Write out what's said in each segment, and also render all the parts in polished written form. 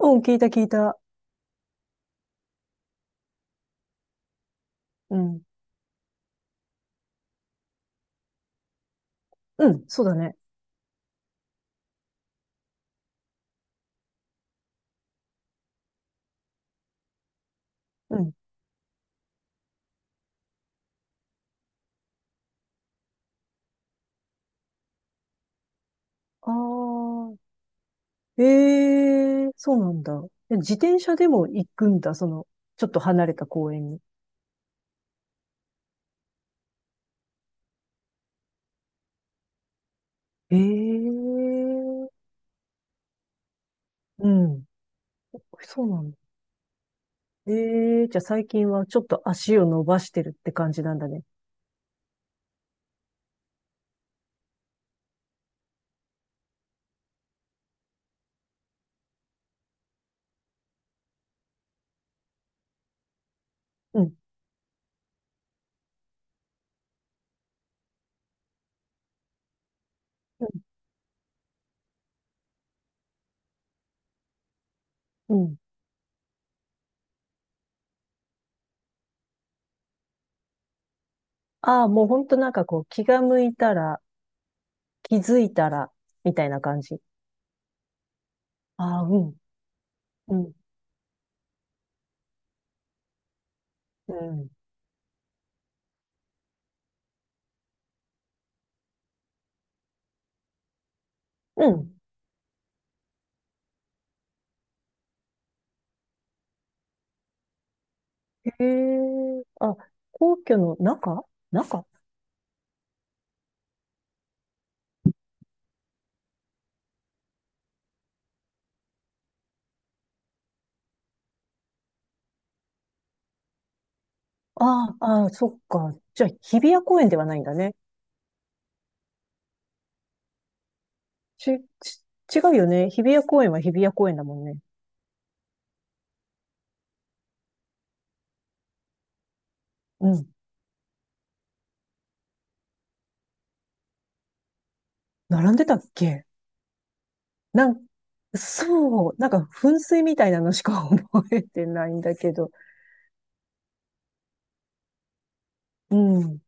うん、聞いた聞いた。うん。うん、そうだね。うん。ああ、ええ、そうなんだ。え、自転車でも行くんだ、その、ちょっと離れた公園に。ええ、うん。そうなんだ。ええ、じゃあ最近はちょっと足を伸ばしてるって感じなんだね。うん、うん、うん。ああ、もうほんとなんかこう、気が向いたら、気づいたら、みたいな感じ。ああ、うん、うん、うん、うん。へえ、あ、皇居の中。中。ああ、あ、そっか。じゃあ、日比谷公園ではないんだね。ち、ち、違うよね。日比谷公園は日比谷公園だもんね。うん。並んでたっけ。なん、そう。なんか、噴水みたいなのしか 覚えてないんだけど。うん。うん。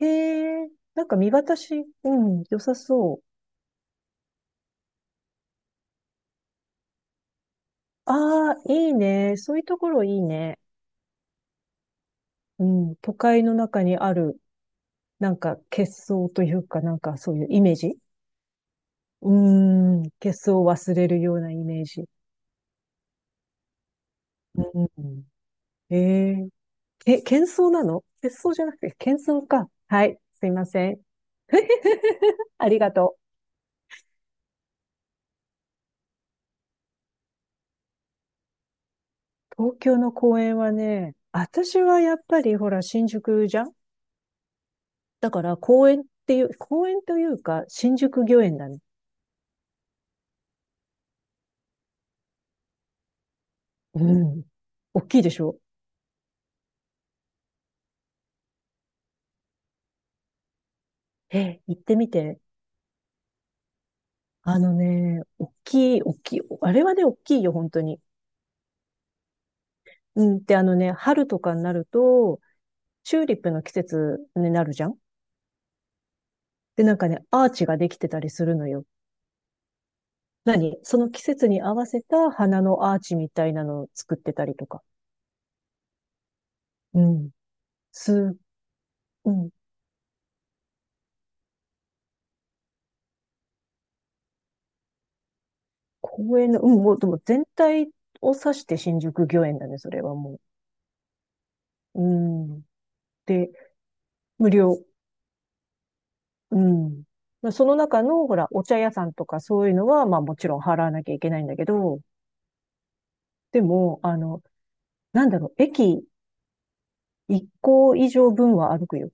へえ、なんか見渡し、うん、良さそう。ああ、いいね。そういうところいいね。うん。都会の中にある、なんか、結相というか、なんかそういうイメージ。うーん、喧騒を忘れるようなイメージ。うん、ええ、喧騒なの？喧騒じゃなくて、喧騒か。はい、すいません。ありがとう。東京の公園はね、私はやっぱりほら、新宿じゃん。だから公園っていう、公園というか、新宿御苑だね。うん。大きいでしょ？え、行ってみて。あのね、大きい、大きい。あれはね、大きいよ、本当に。うん。で、あのね、春とかになると、チューリップの季節になるじゃん。で、なんかね、アーチができてたりするのよ。何その季節に合わせた花のアーチみたいなのを作ってたりとか。うん。す、うん。公園の、うん、もう、でも全体を指して新宿御苑だね、それはもう。うん。で、無料。うん。まあその中の、ほら、お茶屋さんとかそういうのは、まあもちろん払わなきゃいけないんだけど、でも、あの、なんだろう、駅1個以上分は歩くよ。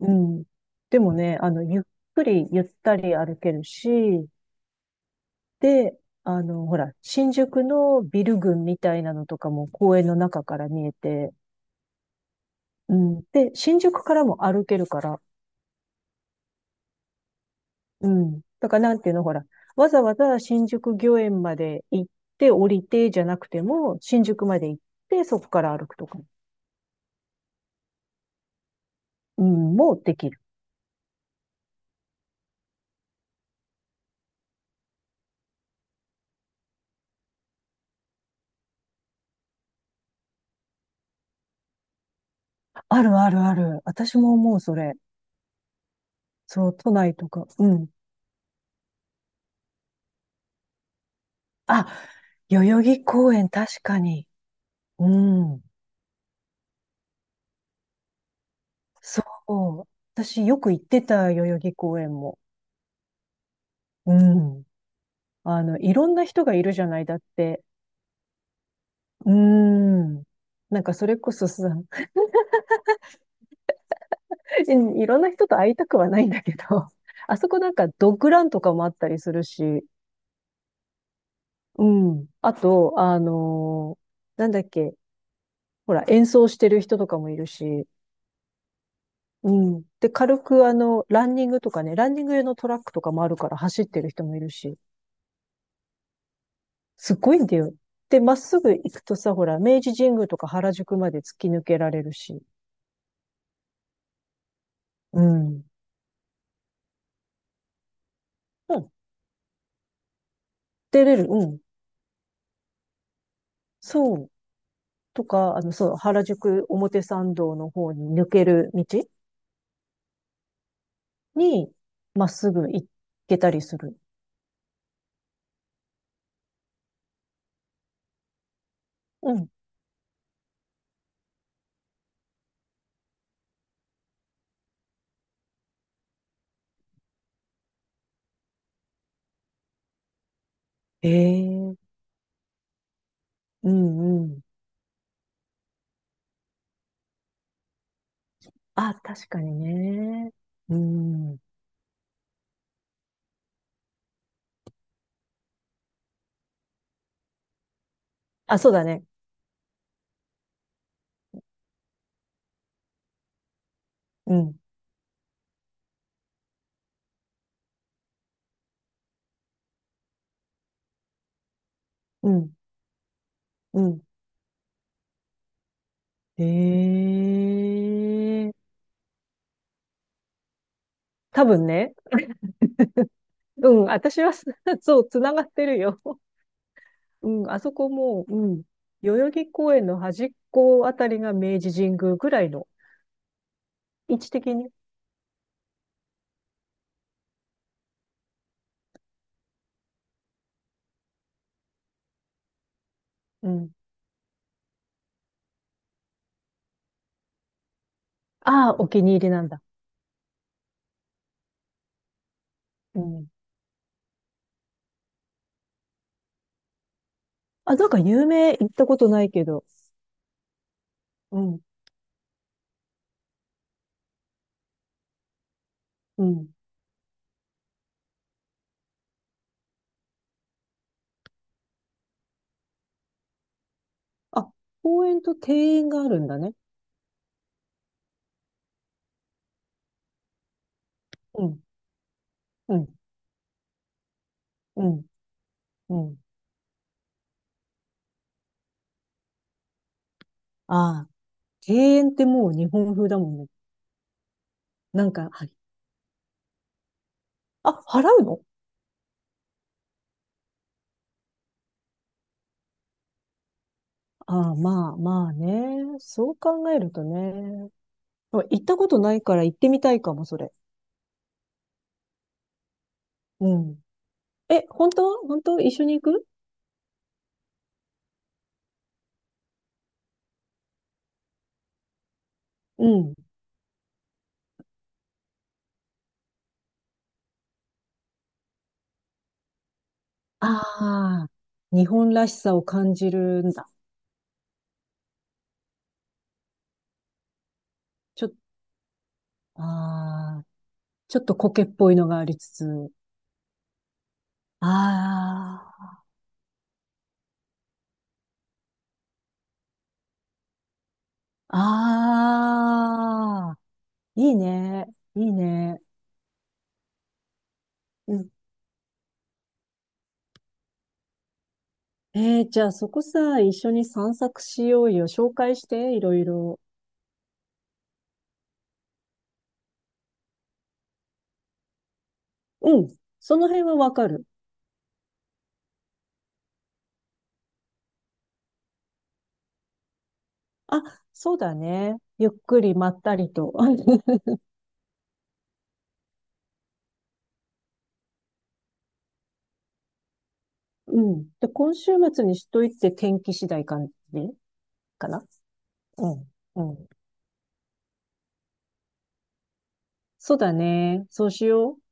うん。でもね、あの、ゆっくりゆったり歩けるし、で、あの、ほら、新宿のビル群みたいなのとかも公園の中から見えて、うん。で、新宿からも歩けるから、うん。だからなんていうの、ほら、わざわざ新宿御苑まで行って降りてじゃなくても、新宿まで行ってそこから歩くとか、うん、もうできる。あるあるある。私も思う、それ。そう、都内とか。うん。あ、代々木公園確かに。うん。そう。私よく行ってた、代々木公園も。うん。あの、いろんな人がいるじゃない、だって。うーん。なんかそれこそさ、いろんな人と会いたくはないんだけど、あそこなんかドッグランとかもあったりするし、うん。あと、あのー、なんだっけ、ほら、演奏してる人とかもいるし、うん。で、軽くあの、ランニングとかね、ランニング用のトラックとかもあるから走ってる人もいるし、すごいんだよ。で、まっすぐ行くとさ、ほら、明治神宮とか原宿まで突き抜けられるし。うん。うん。出れる。うん。そう。とか、あの、そう、原宿表参道の方に抜ける道に、まっすぐ行けたりする。うん。ええ、うんうん。あ、確かにね。うん。あ、そうだね。うん。うん。うん。ええ、多分ね。うん。私は そう、つながってるよ。うん、あそこもう、うん、代々木公園の端っこあたりが明治神宮ぐらいの位置的に。うん。ああ、お気に入りなんだ。うん。あ、なんか有名？行ったことないけど。うん、うん。あ、公園と庭園があるんだね。うん、うん、うん、うん。ああ、庭園ってもう日本風だもんね。なんか、はい。あ、払うの？ああ、まあ、まあね。そう考えるとね。行ったことないから行ってみたいかも、それ。うん。え、本当？本当一緒に行く？うん。ああ、日本らしさを感じるんだ。ちょっと、ああ、ちょっと苔っぽいのがありつつ。ああ、ああ、いいね、いいね。うん。えー、じゃあそこさ、一緒に散策しようよ。紹介して、いろいろ。うん。その辺はわかる。あ、そうだね。ゆっくりまったりと。うん。で、今週末にしといて天気次第かね。かな？うん。うん。そうだね。そうしよう。